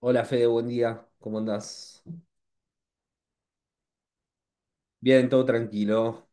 Hola Fede, buen día. ¿Cómo andás? Bien, todo tranquilo.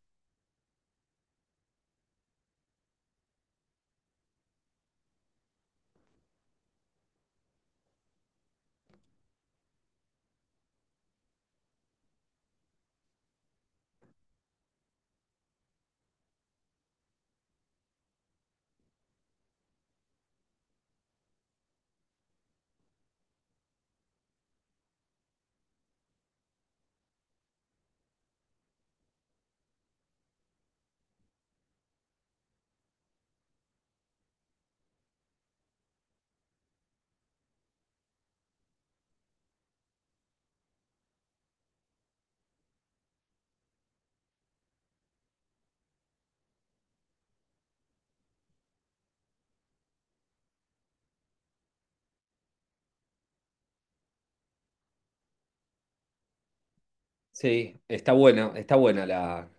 Sí, está buena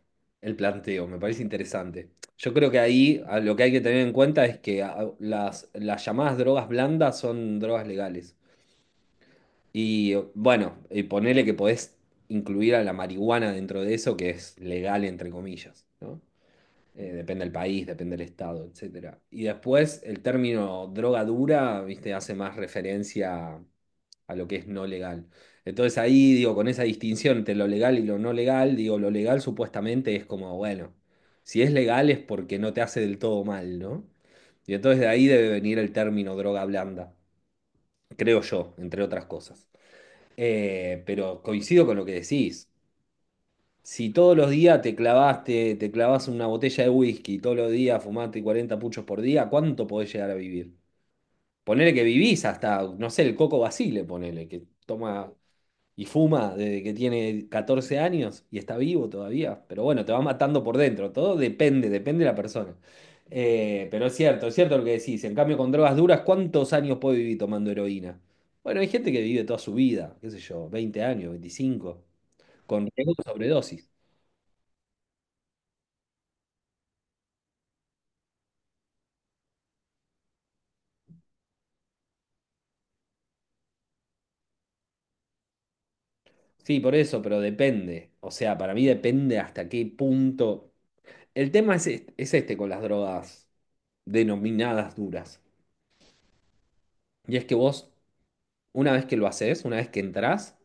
el planteo, me parece interesante. Yo creo que ahí lo que hay que tener en cuenta es que las llamadas drogas blandas son drogas legales. Y bueno, y ponele que podés incluir a la marihuana dentro de eso, que es legal entre comillas, ¿no? Depende del país, depende del estado, etcétera. Y después el término droga dura, viste, hace más referencia a lo que es no legal. Entonces ahí digo, con esa distinción entre lo legal y lo no legal, digo, lo legal supuestamente es como, bueno, si es legal es porque no te hace del todo mal, ¿no? Y entonces de ahí debe venir el término droga blanda, creo yo, entre otras cosas. Pero coincido con lo que decís. Si todos los días te clavaste, te clavas una botella de whisky, todos los días fumaste 40 puchos por día, ¿cuánto podés llegar a vivir? Ponele que vivís hasta, no sé, el Coco Basile, ponele, que toma y fuma desde que tiene 14 años y está vivo todavía, pero bueno, te va matando por dentro, todo depende, depende de la persona. Pero es cierto lo que decís, en cambio con drogas duras, ¿cuántos años puede vivir tomando heroína? Bueno, hay gente que vive toda su vida, qué sé yo, 20 años, 25 con riesgo de sobredosis. Sí, por eso, pero depende, o sea, para mí depende hasta qué punto. El tema es este con las drogas denominadas duras, y es que vos, una vez que lo haces, una vez que entrás,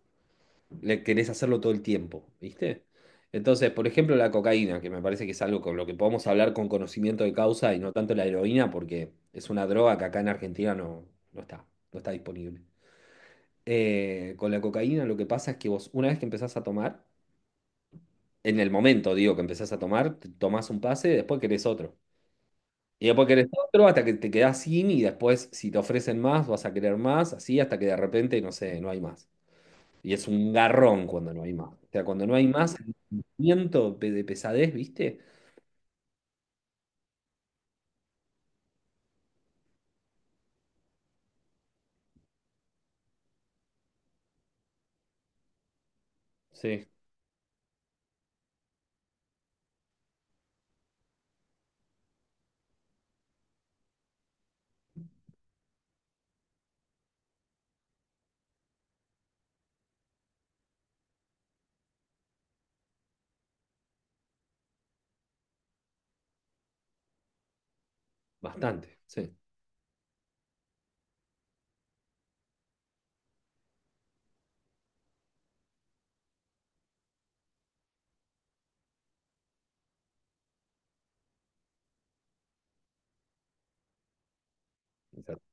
le querés hacerlo todo el tiempo, ¿viste? Entonces, por ejemplo, la cocaína, que me parece que es algo con lo que podemos hablar con conocimiento de causa y no tanto la heroína, porque es una droga que acá en Argentina no, no está, no está disponible. Con la cocaína lo que pasa es que vos, una vez que empezás a tomar, en el momento, digo, que empezás a tomar, te tomás un pase, después querés otro. Y después querés otro hasta que te quedás sin y después si te ofrecen más, vas a querer más, así hasta que de repente, no sé, no hay más. Y es un garrón cuando no hay más. O sea, cuando no hay más, el sentimiento de pesadez, ¿viste? Sí, bastante, sí. Exacto.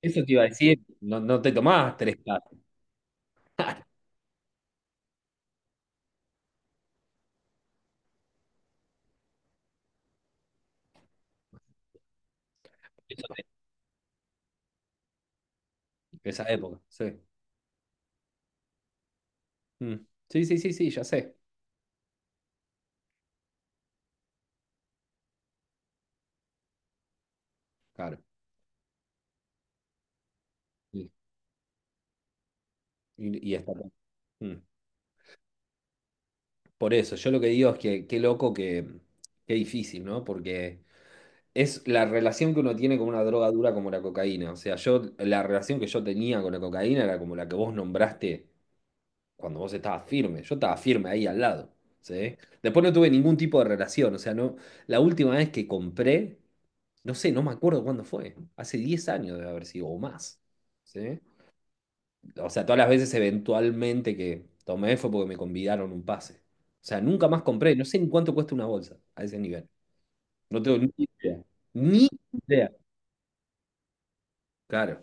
Eso te iba a decir, no, no te tomabas tres cajas. Eso te- Esa época, sí. Mm. Sí, sí, sí, sí, ya sé. Claro. Sí. Y está bien. Mm. Por eso, yo lo que digo es que qué loco que, qué difícil, ¿no? Porque es la relación que uno tiene con una droga dura como la cocaína. O sea, yo, la relación que yo tenía con la cocaína era como la que vos nombraste cuando vos estabas firme. Yo estaba firme ahí al lado, ¿sí? Después no tuve ningún tipo de relación, o sea, no, la última vez que compré, no sé, no me acuerdo cuándo fue, hace 10 años debe haber sido, o más, ¿sí? O sea, todas las veces eventualmente que tomé fue porque me convidaron un pase. O sea, nunca más compré, no sé en cuánto cuesta una bolsa a ese nivel. No tengo ni idea, ni idea. Claro,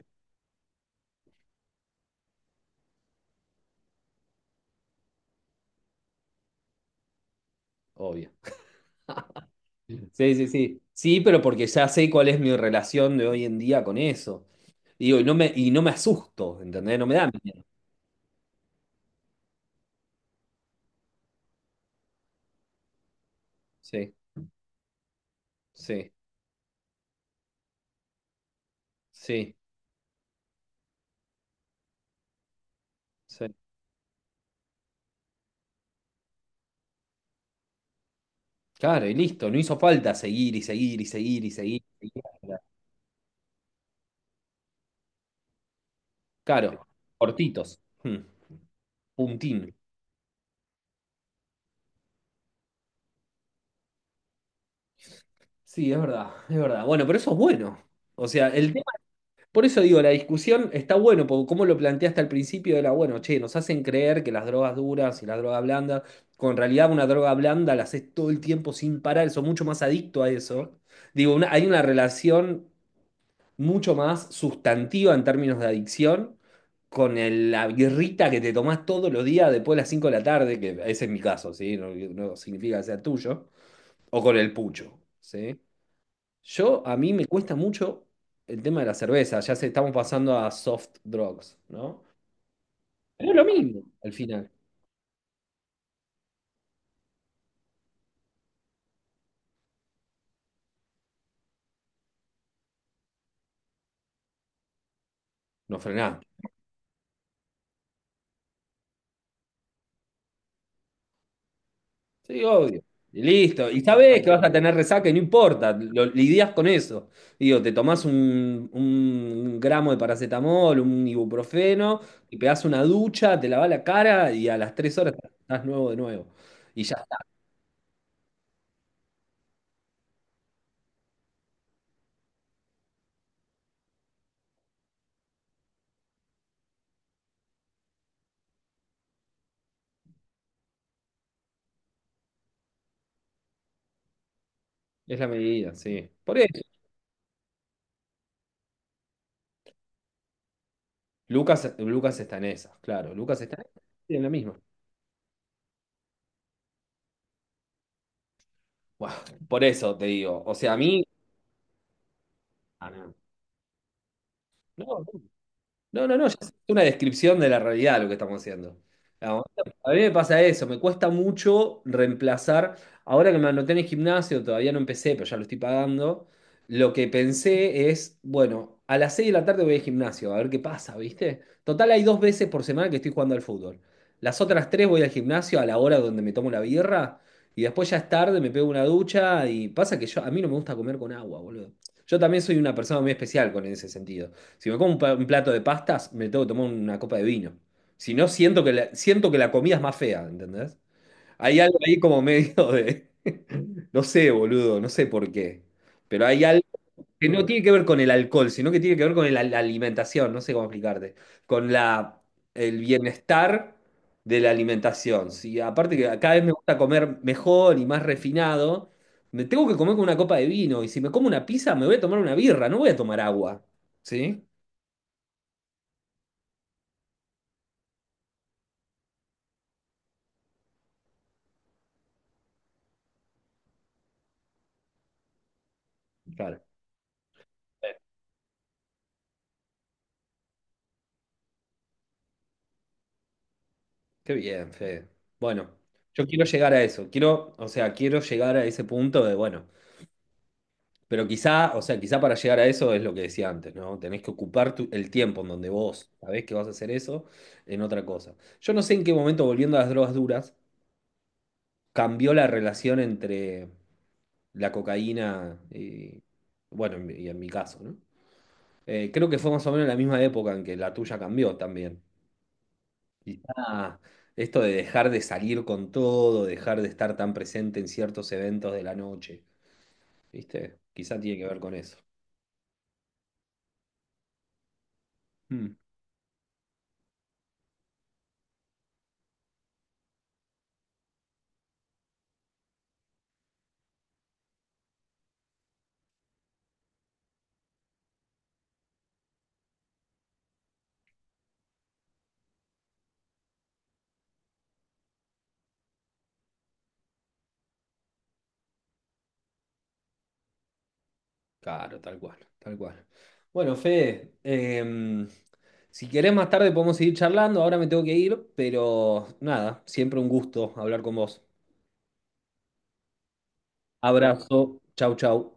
obvio. Sí, sí, sí. Sí, pero porque ya sé cuál es mi relación de hoy en día con eso. Digo, y no me asusto, ¿entendés? No me da miedo. Sí, sí, sí, sí. Claro, y listo. No hizo falta seguir y seguir y seguir y seguir y seguir. Claro, cortitos. Hmm. Puntín. Sí, es verdad, es verdad. Bueno, pero eso es bueno. O sea. El Por eso digo, la discusión está bueno, porque como lo planteaste al principio, era bueno, che, nos hacen creer que las drogas duras y las drogas blandas, con realidad una droga blanda la haces todo el tiempo sin parar, sos mucho más adicto a eso. Digo, hay una relación mucho más sustantiva en términos de adicción con la birrita que te tomás todos los días después de las 5 de la tarde, que ese es mi caso, ¿sí? No, no significa que sea tuyo, o con el pucho, ¿sí? Yo, a mí me cuesta mucho el tema de la cerveza, ya se estamos pasando a soft drugs, ¿no? Pero es lo mismo, al final, no frenamos. Sí, obvio. Y listo. Y sabés que vas a tener resaca y no importa, lo, lidias con eso. Digo, te tomás un gramo de paracetamol, un ibuprofeno, y pegás una ducha, te lavas la cara y a las 3 horas estás nuevo de nuevo. Y ya está. Es la medida, sí. Por eso, Lucas, Lucas está en esa, claro. Lucas está en esa, sí, en la misma. Buah, por eso te digo, o sea, a mí. Ah, no. No, no. No, no, no, ya es una descripción de la realidad lo que estamos haciendo. Digamos, a mí me pasa eso, me cuesta mucho reemplazar. Ahora que me anoté en el gimnasio, todavía no empecé, pero ya lo estoy pagando. Lo que pensé es, bueno, a las 6 de la tarde voy al gimnasio, a ver qué pasa, ¿viste? Total, hay dos veces por semana que estoy jugando al fútbol. Las otras tres voy al gimnasio a la hora donde me tomo la birra y después ya es tarde, me pego una ducha y pasa que yo, a mí no me gusta comer con agua, boludo. Yo también soy una persona muy especial con ese sentido. Si me como un plato de pastas, me tengo que tomar una copa de vino. Si no, siento que la comida es más fea, ¿entendés? Hay algo ahí como medio de. No sé, boludo, no sé por qué. Pero hay algo que no tiene que ver con el alcohol, sino que tiene que ver con la alimentación, no sé cómo explicarte. Con la, el bienestar de la alimentación. Si aparte que cada vez me gusta comer mejor y más refinado, me tengo que comer con una copa de vino. Y si me como una pizza, me voy a tomar una birra, no voy a tomar agua. ¿Sí? Claro. Qué bien, Fede. Bueno, yo quiero llegar a eso. Quiero, o sea, quiero llegar a ese punto de, bueno, pero quizá, o sea, quizá para llegar a eso es lo que decía antes, ¿no? Tenés que ocupar el tiempo en donde vos sabés que vas a hacer eso en otra cosa. Yo no sé en qué momento, volviendo a las drogas duras, cambió la relación entre la cocaína y, bueno, y en mi caso, ¿no? Creo que fue más o menos la misma época en que la tuya cambió también. Y, esto de dejar de salir con todo, dejar de estar tan presente en ciertos eventos de la noche, ¿viste? Quizá tiene que ver con eso. Mm, claro, tal cual, tal cual. Bueno, Fede, si querés más tarde podemos seguir charlando, ahora me tengo que ir, pero nada, siempre un gusto hablar con vos. Abrazo, chau, chau.